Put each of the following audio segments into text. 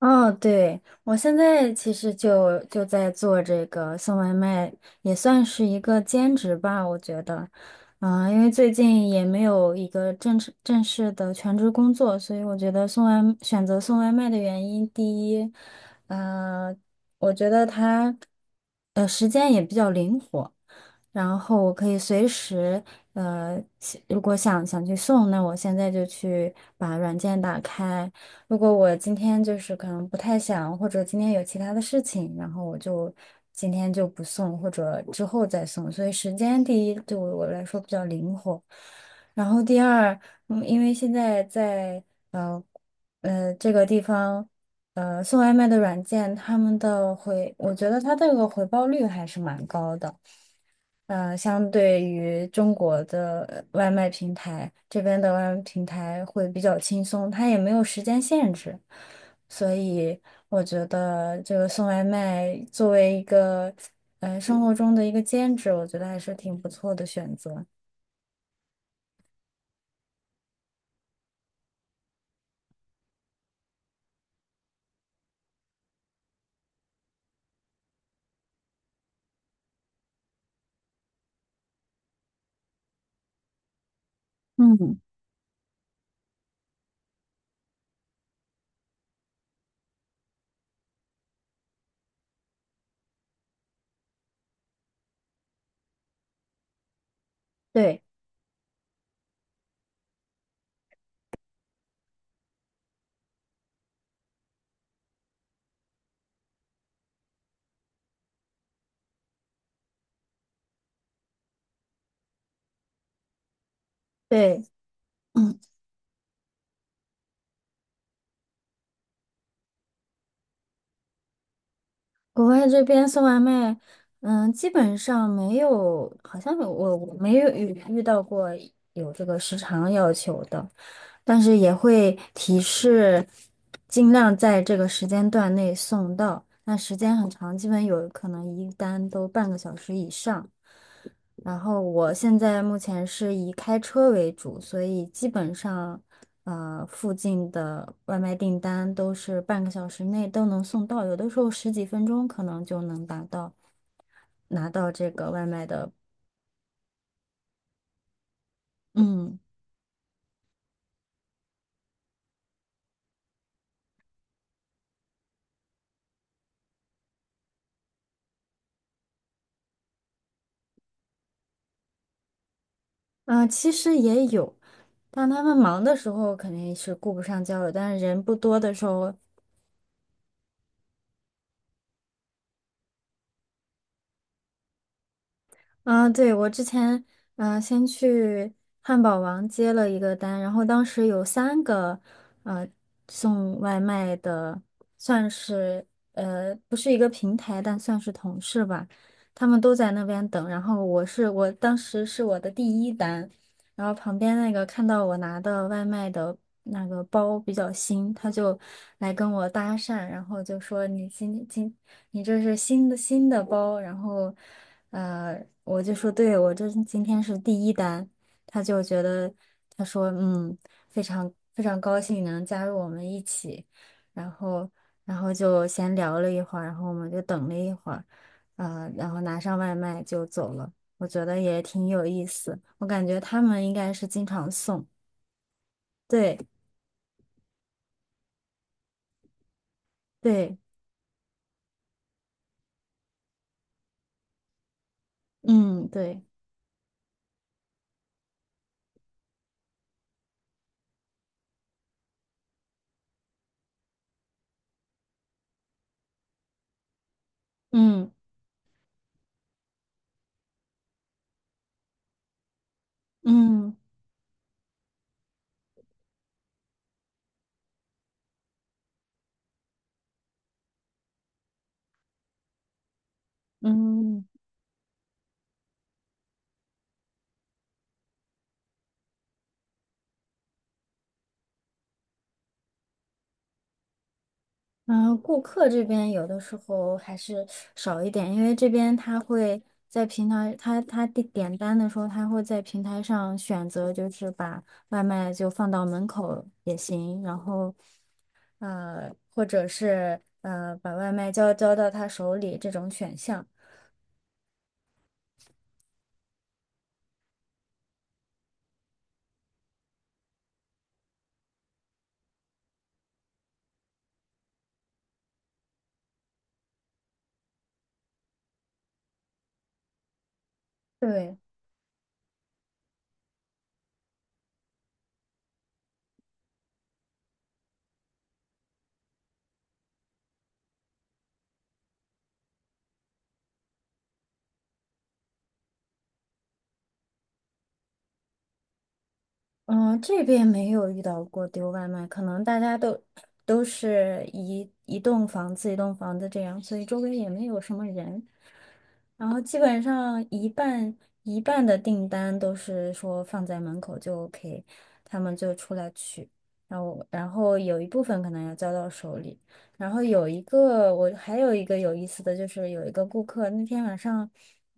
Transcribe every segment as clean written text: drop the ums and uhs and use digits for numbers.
哦，对，我现在其实就在做这个送外卖，也算是一个兼职吧，我觉得，因为最近也没有一个正式的全职工作，所以我觉得选择送外卖的原因，第一，呃，我觉得它，时间也比较灵活，然后我可以随时，如果想去送，那我现在就去把软件打开。如果我今天就是可能不太想，或者今天有其他的事情，然后我今天就不送，或者之后再送。所以时间第一对我来说比较灵活，然后第二，嗯，因为现在在呃这个地方，送外卖的软件，他们的回，我觉得他这个回报率还是蛮高的。相对于中国的外卖平台，这边的外卖平台会比较轻松，它也没有时间限制，所以我觉得这个送外卖作为一个生活中的一个兼职，我觉得还是挺不错的选择。嗯，对对，嗯，国外这边送外卖，嗯，基本上没有，好像我没有遇到过有这个时长要求的。但是也会提示尽量在这个时间段内送到。那时间很长，基本有可能一单都半个小时以上。然后我现在目前是以开车为主，所以基本上，附近的外卖订单都是半个小时内都能送到，有的时候十几分钟可能就能拿到这个外卖的。嗯，其实也有。当他们忙的时候，肯定是顾不上交流，但是人不多的时候，啊，对，我之前嗯，先去汉堡王接了一个单，然后当时有三个呃送外卖的，算是不是一个平台，但算是同事吧，他们都在那边等，然后我当时是我的第一单，然后旁边那个看到我拿的外卖的那个包比较新，他就来跟我搭讪，然后就说你今今你这是新的包，然后，我就说对，我这今天是第一单，他就觉得他说嗯，非常高兴能加入我们一起，然后然后就闲聊了一会儿，然后我们就等了一会儿，然后拿上外卖就走了，我觉得也挺有意思，我感觉他们应该是经常送，对对，嗯对，嗯嗯嗯。嗯，顾客这边有的时候还是少一点，因为这边他会在平台，他点单的时候，他会在平台上选择，就是把外卖就放到门口也行，然后或者是把外卖交到他手里这种选项。对，嗯，这边没有遇到过丢外卖，可能大家都都是一栋房子一栋房子这样，所以周围也没有什么人。然后基本上一半的订单都是说放在门口就 OK，他们就出来取，然后有一部分可能要交到手里，然后有一个我还有一个有意思的就是有一个顾客那天晚上，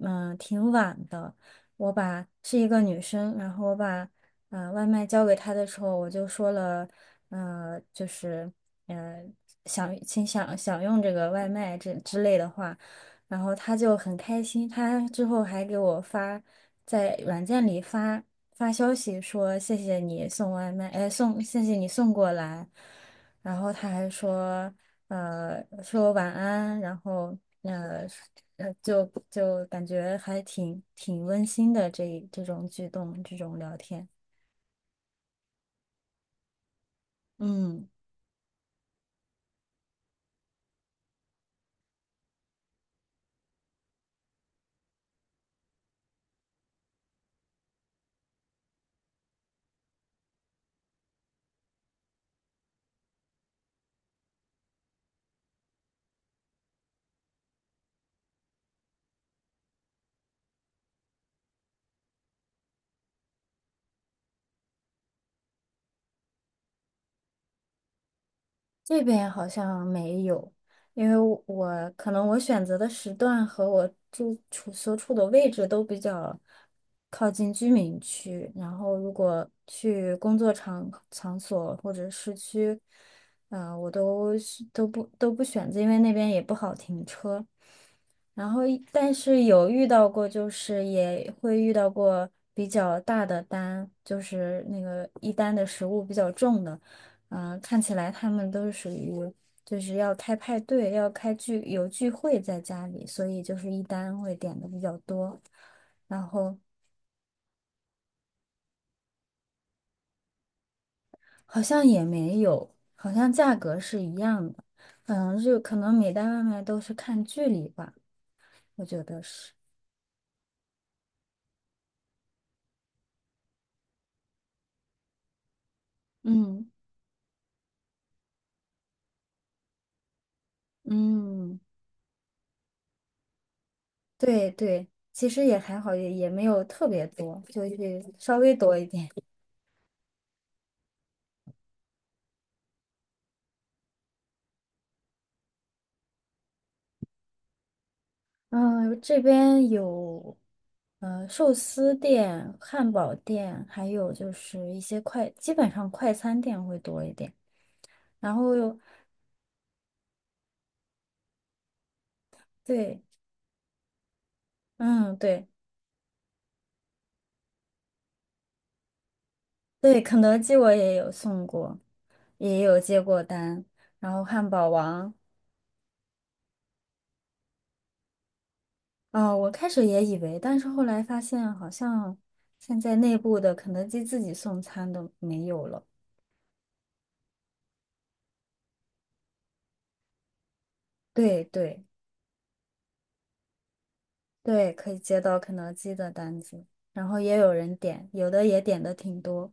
挺晚的，是一个女生，然后我把外卖交给她的时候，我就说了，呃就是呃想请享用这个外卖这之类的话。然后他就很开心，他之后还给我发，在软件里发消息说谢谢你送外卖，哎，谢谢你送过来，然后他还说，说晚安，然后呃就就感觉还挺温馨的这种举动，这种聊天，嗯。这边好像没有，因为我我可能我选择的时段和我住处所处的位置都比较靠近居民区，然后如果去工作场所或者市区，我都不选择，因为那边也不好停车。然后但是有遇到过，就是也会遇到过比较大的单，就是那个一单的食物比较重的，看起来他们都是属于就是要开派对，要开聚会在家里，所以就是一单会点的比较多，然后好像也没有，好像价格是一样的，嗯，就可能每单外卖都是看距离吧，我觉得是，嗯嗯。对对，其实也还好，也也没有特别多，就是稍微多一点。嗯、这边有寿司店、汉堡店，还有就是一些快，基本上快餐店会多一点。然后有，对，嗯，对对，肯德基我也有送过，也有接过单，然后汉堡王，哦，我开始也以为，但是后来发现好像现在内部的肯德基自己送餐都没有了。对对，对，可以接到肯德基的单子，然后也有人点，有的也点的挺多。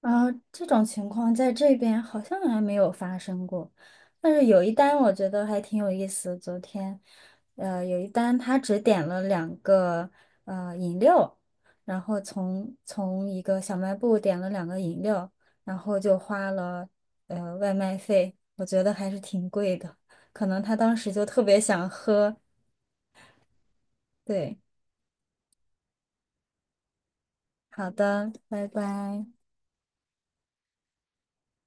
啊，这种情况在这边好像还没有发生过，但是有一单我觉得还挺有意思。昨天，有一单他只点了两个饮料，然后从一个小卖部点了两个饮料，然后就花了外卖费，我觉得还是挺贵的，可能他当时就特别想喝，对。好的，拜拜。